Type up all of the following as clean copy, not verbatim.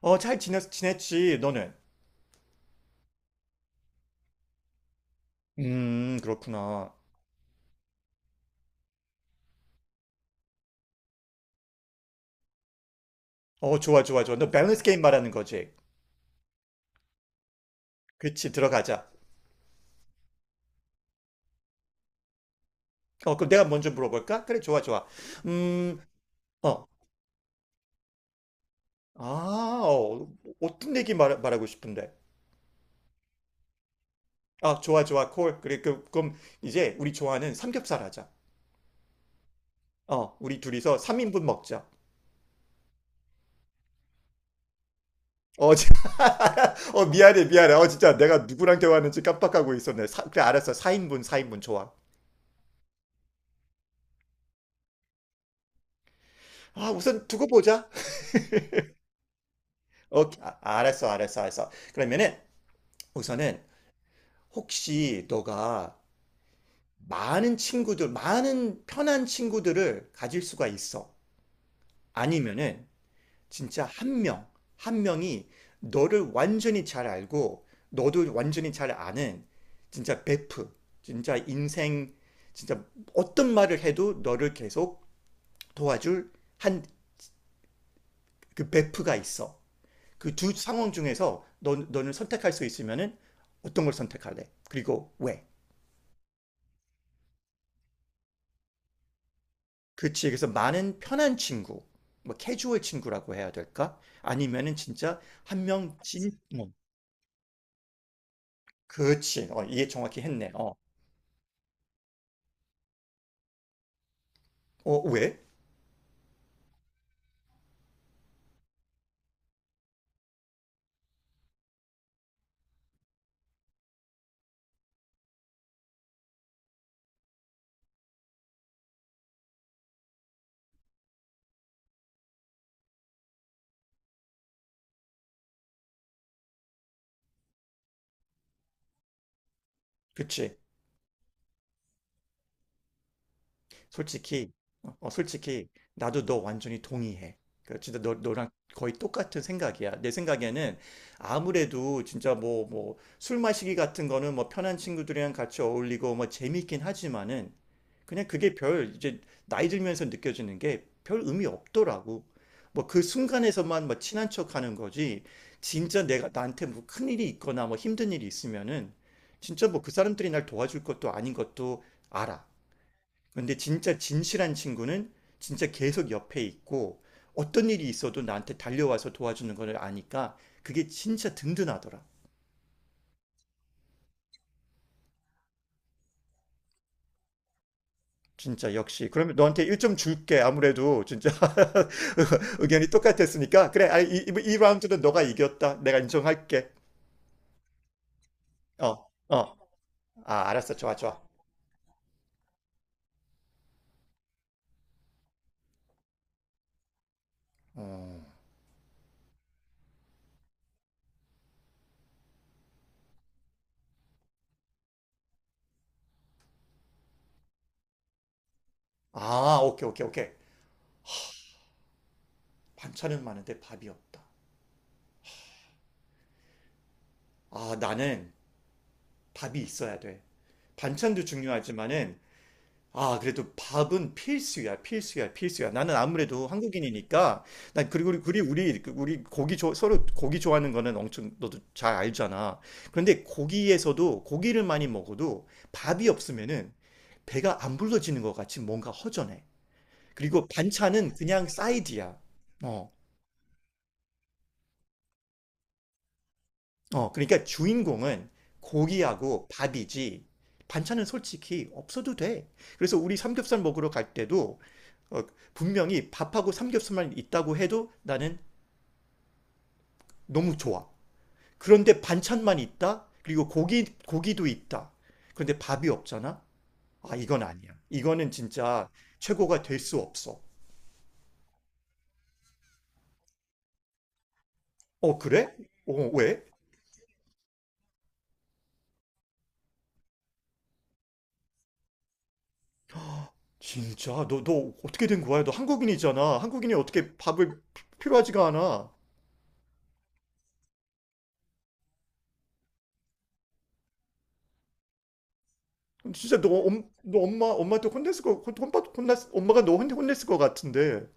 잘 지냈지, 너는? 그렇구나. 어, 좋아, 좋아, 좋아. 너 밸런스 게임 말하는 거지? 그치, 들어가자. 어, 그럼 내가 먼저 물어볼까? 그래, 좋아, 좋아. 음, 어, 아, 어, 어떤 얘기 말하고 싶은데? 아, 좋아, 좋아, 콜. 그래, 그럼 이제 우리 좋아하는 삼겹살 하자. 우리 둘이서 3인분 먹자. 자, 미안해, 미안해. 진짜 내가 누구랑 대화하는지 깜빡하고 있었네. 그래, 알았어. 4인분, 4인분, 좋아. 아, 우선 두고 보자. 오케이, 아, 알았어, 알았어, 알았어. 그러면은 우선은 혹시 너가 많은 친구들, 많은 편한 친구들을 가질 수가 있어. 아니면은 진짜 한 명이 너를 완전히 잘 알고 너도 완전히 잘 아는 진짜 베프, 진짜 인생, 진짜 어떤 말을 해도 너를 계속 도와줄 한 그 베프가 있어. 그 두 상황 중에서 너는 선택할 수 있으면은 어떤 걸 선택할래? 그리고 왜? 그치. 그래서 많은 편한 친구, 뭐 캐주얼 친구라고 해야 될까? 아니면은 진짜 한 명 뭐, 그치. 어, 이해 정확히 했네. 왜? 그치. 솔직히, 솔직히, 나도 너 완전히 동의해. 그 진짜 너랑 거의 똑같은 생각이야. 내 생각에는 아무래도 진짜 뭐, 뭐, 술 마시기 같은 거는 뭐 편한 친구들이랑 같이 어울리고 뭐 재밌긴 하지만은 그냥 그게 이제 나이 들면서 느껴지는 게 별 의미 없더라고. 뭐 그 순간에서만 뭐 친한 척 하는 거지. 진짜 내가 나한테 뭐 큰일이 있거나 뭐 힘든 일이 있으면은 진짜 뭐 그 사람들이 날 도와줄 것도 아닌 것도 알아. 근데 진짜 진실한 친구는 진짜 계속 옆에 있고 어떤 일이 있어도 나한테 달려와서 도와주는 걸 아니까 그게 진짜 든든하더라. 진짜 역시. 그러면 너한테 1점 줄게. 아무래도 진짜 의견이 똑같았으니까 그래. 아, 이 라운드는 너가 이겼다. 내가 인정할게. 어, 어. 아, 알았어. 좋아, 좋아. 어. 아, 오케이, 오케이, 오케이. 반찬은 많은데 밥이 없다. 아, 나는 밥이 있어야 돼. 반찬도 중요하지만은 아, 그래도 밥은 필수야, 필수야, 필수야. 나는 아무래도 한국인이니까, 난 그리고 우리 고기 좋아 서로 고기 좋아하는 거는 엄청 너도 잘 알잖아. 그런데 고기에서도 고기를 많이 먹어도 밥이 없으면은 배가 안 불러지는 것 같이 뭔가 허전해. 그리고 반찬은 그냥 사이드야. 어. 그러니까 주인공은 고기하고 밥이지 반찬은 솔직히 없어도 돼. 그래서 우리 삼겹살 먹으러 갈 때도 어, 분명히 밥하고 삼겹살만 있다고 해도 나는 너무 좋아. 그런데 반찬만 있다? 그리고 고기도 있다. 그런데 밥이 없잖아? 아, 이건 아니야. 이거는 진짜 최고가 될 수 없어. 어, 그래? 어, 왜? 진짜, 너 어떻게 된 거야? 너 한국인이잖아. 한국인이 어떻게 밥을 필요하지가 않아. 진짜 너 엄마한테 혼냈을 거 혼- 혼받 혼났 엄마가 너 혼냈을 것 같은데.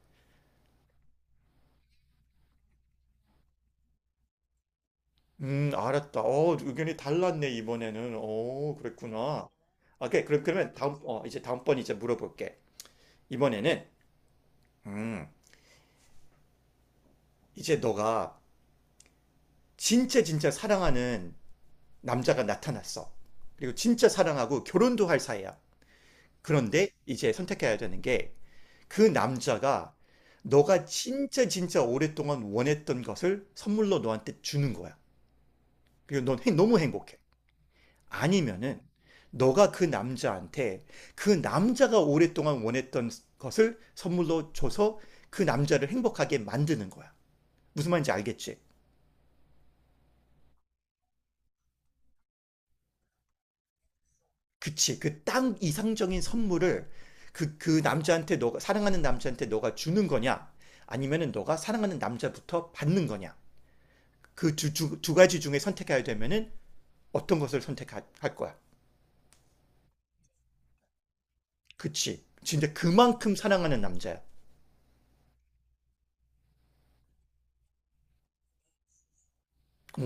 알았다. 의견이 달랐네 이번에는. 그랬구나. 아, 오케이, 그럼 그러면 다음 어 이제 다음번 이제 물어볼게. 이번에는 음 이제 너가 진짜 진짜 사랑하는 남자가 나타났어. 그리고 진짜 사랑하고 결혼도 할 사이야. 그런데 이제 선택해야 되는 게 그 남자가 너가 진짜 진짜 오랫동안 원했던 것을 선물로 너한테 주는 거야. 그리고 넌 너무 행복해. 아니면은 너가 그 남자한테 그 남자가 오랫동안 원했던 것을 선물로 줘서 그 남자를 행복하게 만드는 거야. 무슨 말인지 알겠지? 그치. 그 딱 이상적인 선물을 그 남자한테 너가, 사랑하는 남자한테 너가 주는 거냐? 아니면은 너가 사랑하는 남자부터 받는 거냐? 그 두 가지 중에 선택해야 되면은 어떤 것을 선택할 거야? 그치. 진짜 그만큼 사랑하는 남자야. 오,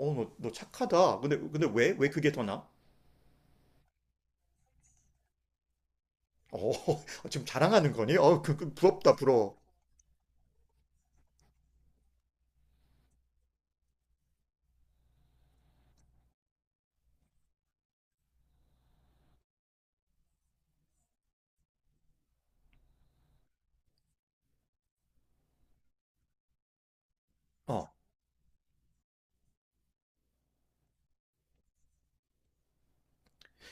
너 착하다. 근데 왜? 왜 그게 더 나? 어, 지금 자랑하는 거니? 그 부럽다, 부러워. 어,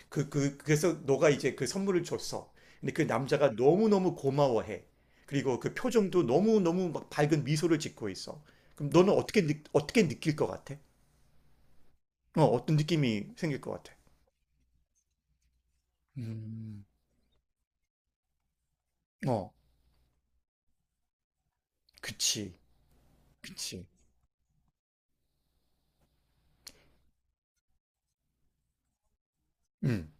그래서 너가 이제 그 선물을 줬어. 근데 그 남자가 너무너무 고마워해. 그리고 그 표정도 너무너무 막 밝은 미소를 짓고 있어. 그럼 너는 어떻게 느낄 것 같아? 어떤 느낌이 생길 것 같아? 음, 어, 그치, 그치. 음.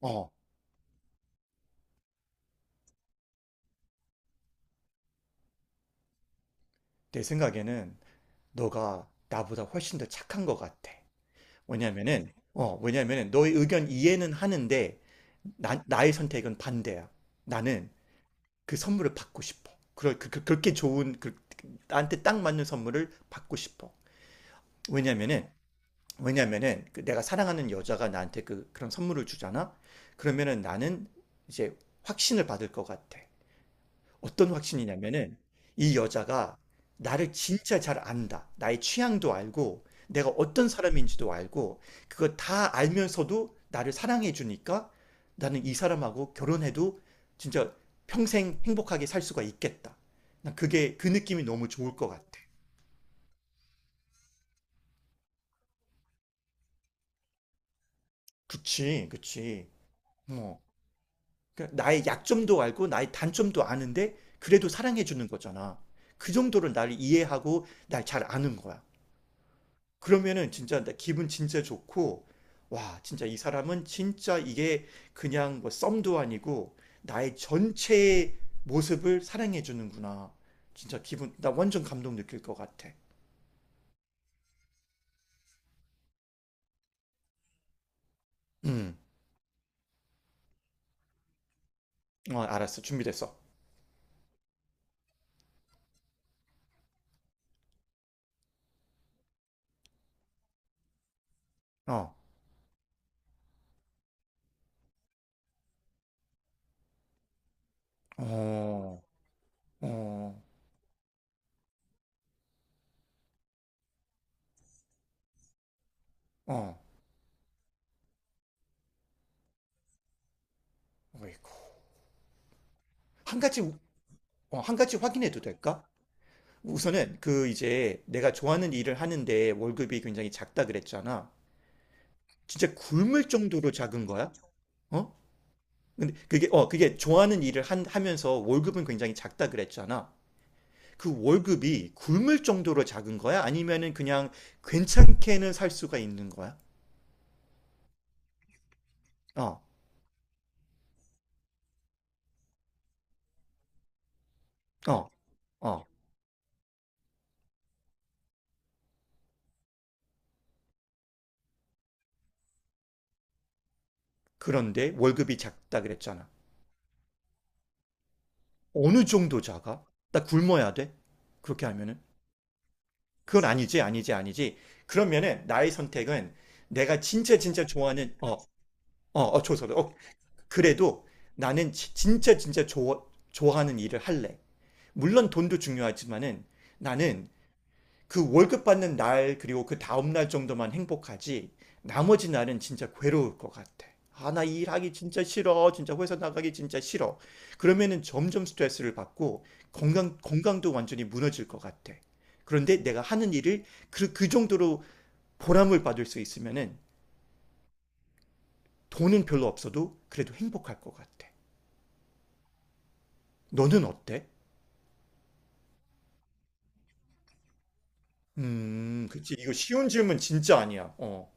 어, 내 생각에는 너가 나보다 훨씬 더 착한 것 같아. 왜냐면은 너의 의견 이해는 하는데, 나의 선택은 반대야. 나는 그 선물을 받고 싶어. 그렇게 좋은, 나한테 딱 맞는 선물을 받고 싶어. 왜냐면은, 왜냐면은 그 내가 사랑하는 여자가 나한테 그런 선물을 주잖아? 그러면은 나는 이제 확신을 받을 것 같아. 어떤 확신이냐면은 이 여자가 나를 진짜 잘 안다. 나의 취향도 알고 내가 어떤 사람인지도 알고 그거 다 알면서도 나를 사랑해 주니까 나는 이 사람하고 결혼해도 진짜 평생 행복하게 살 수가 있겠다. 난 그게 그 느낌이 너무 좋을 것 같아. 그치, 그치. 뭐 그러니까 나의 약점도 알고 나의 단점도 아는데 그래도 사랑해 주는 거잖아. 그 정도로 나를 이해하고 날 잘 아는 거야. 그러면은 진짜 나 기분 진짜 좋고 와 진짜 이 사람은 진짜 이게 그냥 뭐 썸도 아니고 나의 전체의 모습을 사랑해 주는구나. 진짜 기분 나 완전 감동 느낄 것 같아. 음, 알았어, 준비됐어. 어, 어, 어, 어. 어이구. 한 가지 우- 한 가지 확인해도 될까? 우선은 그 이제 내가 좋아하는 일을 하는데 월급이 굉장히 작다 그랬잖아. 진짜 굶을 정도로 작은 거야? 어? 근데 그게 좋아하는 일을 하면서 월급은 굉장히 작다 그랬잖아. 그 월급이 굶을 정도로 작은 거야? 아니면은 그냥 괜찮게는 살 수가 있는 거야? 어, 어, 어. 그런데 월급이 작다 그랬잖아. 어느 정도 작아? 나 굶어야 돼? 그렇게 하면은? 그건 아니지, 아니지, 아니지. 그러면은 나의 선택은 내가 진짜 진짜 좋아하는, 조선. 그래도 나는 진짜 진짜 좋아하는 일을 할래. 물론 돈도 중요하지만은 나는 그 월급 받는 날 그리고 그 다음 날 정도만 행복하지 나머지 날은 진짜 괴로울 것 같아. 아, 나 일하기 진짜 싫어. 진짜 회사 나가기 진짜 싫어. 그러면은 점점 스트레스를 받고 건강도 완전히 무너질 것 같아. 그런데 내가 하는 일을 그 정도로 보람을 받을 수 있으면은 돈은 별로 없어도 그래도 행복할 것 같아. 너는 어때? 그치. 이거 쉬운 질문 진짜 아니야. 어.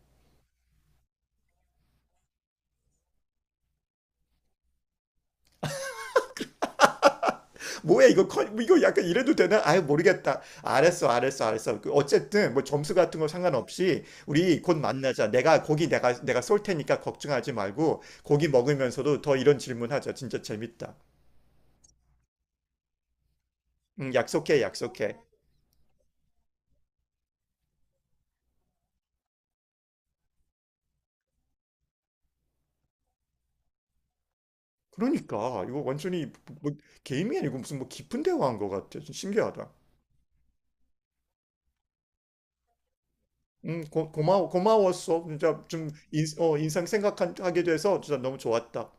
뭐야 이거 이거 약간 이래도 되나? 아유 모르겠다. 알았어, 알았어, 알았어. 그 어쨌든 뭐 점수 같은 거 상관없이 우리 곧 만나자. 내가 고기 내가 내가 쏠 테니까 걱정하지 말고 고기 먹으면서도 더 이런 질문하자. 진짜 재밌다. 응, 약속해, 약속해. 그러니까 이거 완전히 뭐 게임이 아니고 무슨 뭐 깊은 대화한 것 같아. 좀 신기하다. 응, 고마워, 고마웠어. 진짜 좀 인상 생각하게 돼서 진짜 너무 좋았다.